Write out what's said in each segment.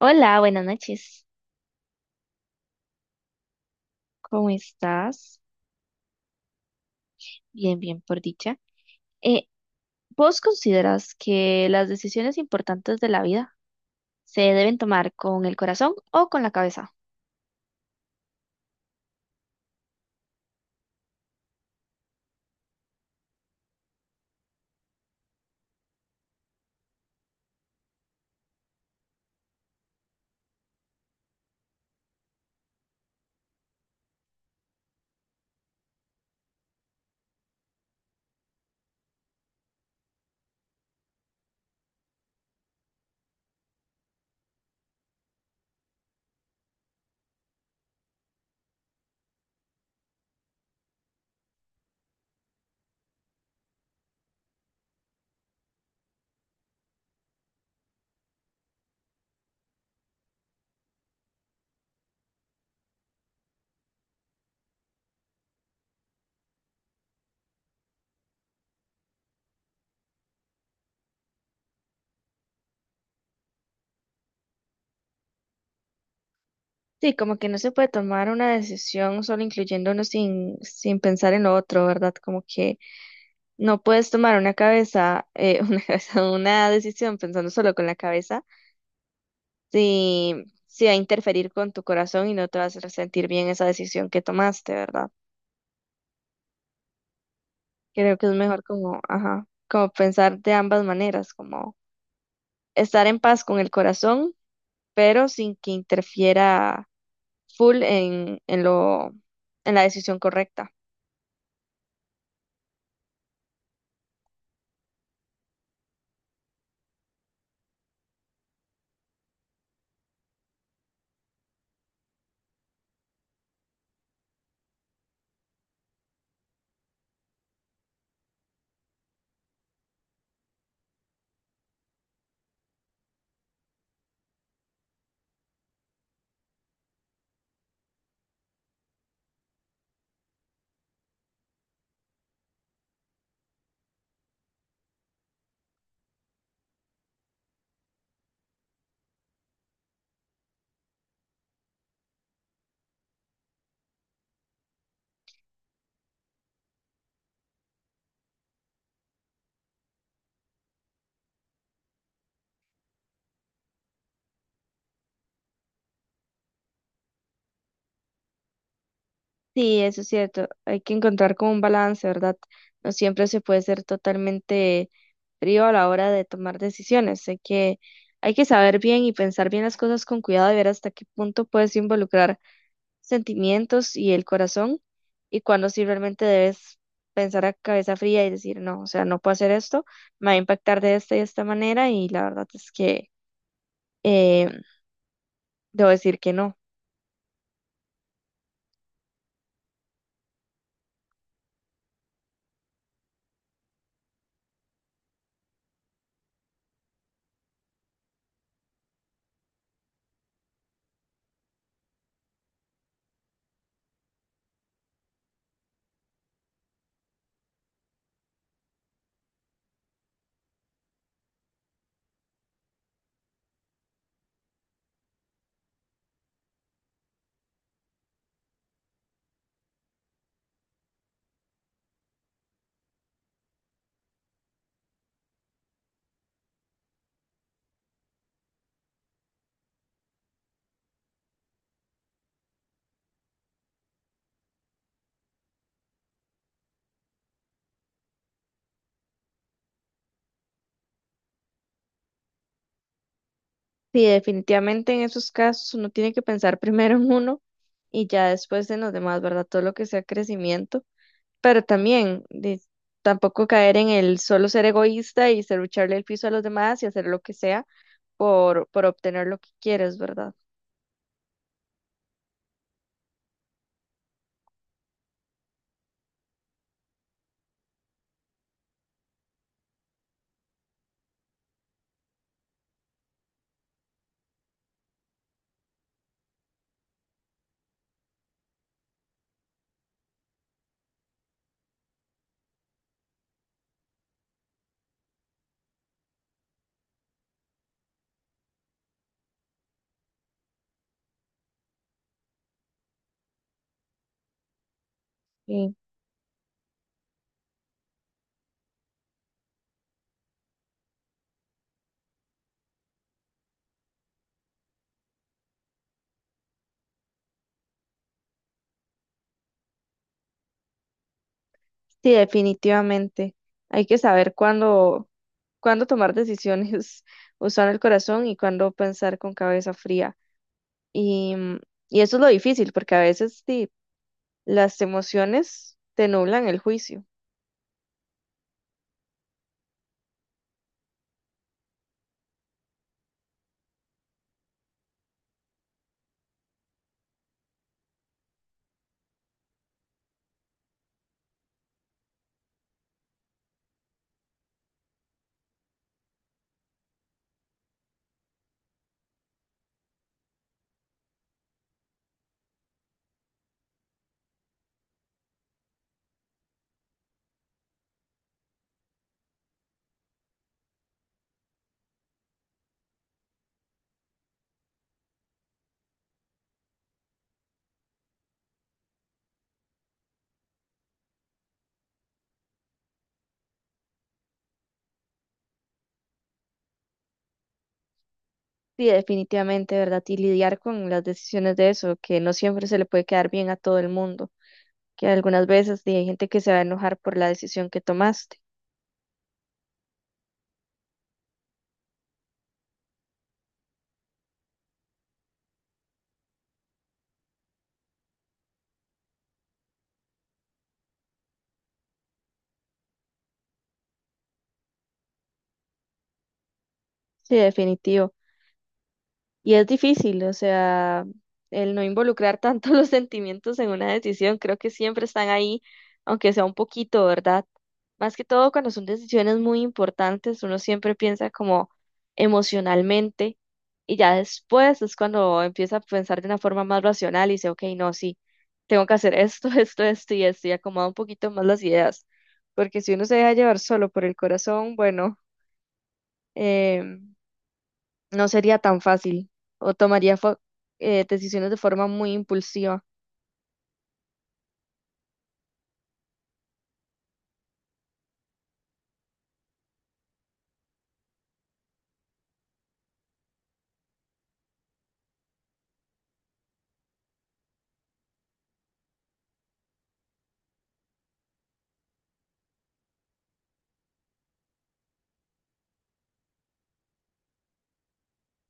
Hola, buenas noches. ¿Cómo estás? Bien, bien, por dicha. Eh, ¿Vos consideras que las decisiones importantes de la vida se deben tomar con el corazón o con la cabeza? Sí, como que no se puede tomar una decisión solo incluyéndonos sin pensar en lo otro, ¿verdad? Como que no puedes tomar una cabeza, una cabeza, una decisión pensando solo con la cabeza, si, si va a interferir con tu corazón y no te vas a hacer sentir bien esa decisión que tomaste, ¿verdad? Creo que es mejor como, ajá, como pensar de ambas maneras, como estar en paz con el corazón, pero sin que interfiera full en en la decisión correcta. Sí, eso es cierto. Hay que encontrar como un balance, ¿verdad? No siempre se puede ser totalmente frío a la hora de tomar decisiones. Hay que saber bien y pensar bien las cosas con cuidado y ver hasta qué punto puedes involucrar sentimientos y el corazón, y cuando sí realmente debes pensar a cabeza fría y decir, no, o sea, no puedo hacer esto, me va a impactar de esta y de esta manera, y la verdad es que eh, debo decir que no. Sí, definitivamente en esos casos uno tiene que pensar primero en uno y ya después en los demás, ¿verdad? Todo lo que sea crecimiento, pero también tampoco caer en el solo ser egoísta y ser echarle el piso a los demás y hacer lo que sea por obtener lo que quieres, ¿verdad? Sí. Sí, definitivamente. Hay que saber cuándo, cuándo tomar decisiones usando el corazón y cuándo pensar con cabeza fría. Y, mm, y eso es lo difícil, porque a veces sí, las emociones te nublan el juicio. Sí, definitivamente, ¿verdad? Y lidiar con las decisiones de eso, que no siempre se le puede quedar bien a todo el mundo, que algunas veces sí, hay gente que se va a enojar por la decisión que tomaste. Sí, definitivo. Y es difícil, o sea, el no involucrar tanto los sentimientos en una decisión, creo que siempre están ahí, aunque sea un poquito, ¿verdad? Más que todo cuando son decisiones muy importantes, uno siempre piensa como emocionalmente y ya después es cuando empieza a pensar de una forma más racional y dice, ok, no, sí, tengo que hacer esto, esto y esto y acomoda un poquito más las ideas, porque si uno se deja llevar solo por el corazón, bueno, em, no sería tan fácil o tomaría decisiones de forma muy impulsiva.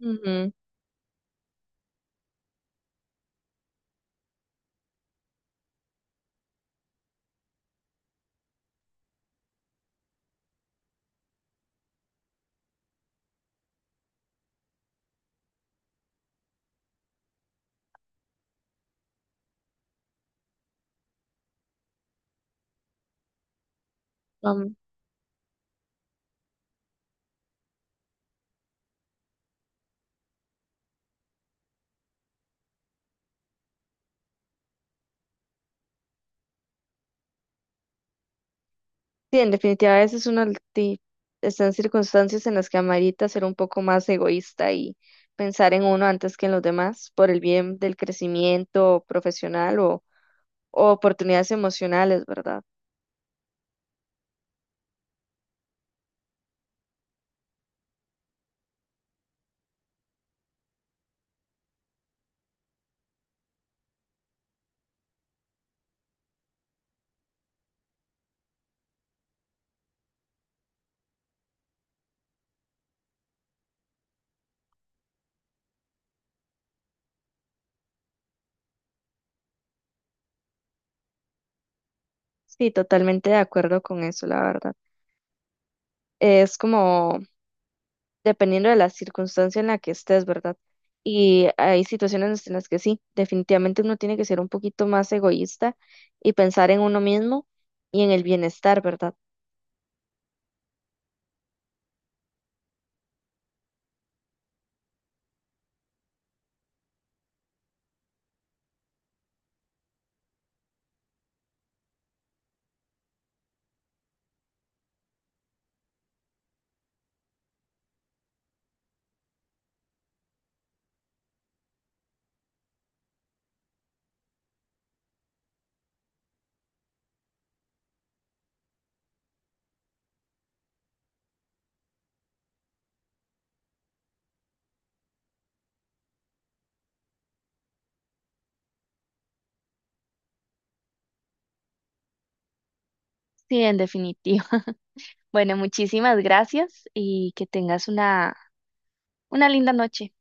Ujú, am, sí, en definitiva, a veces uno está en circunstancias en las que amerita ser un poco más egoísta y pensar en uno antes que en los demás por el bien del crecimiento profesional o oportunidades emocionales, ¿verdad? Sí, totalmente de acuerdo con eso, la verdad. Es como dependiendo de la circunstancia en la que estés, ¿verdad? Y hay situaciones en las que sí, definitivamente uno tiene que ser un poquito más egoísta y pensar en uno mismo y en el bienestar, ¿verdad? Sí, en definitiva. Bueno, muchísimas gracias y que tengas una linda noche.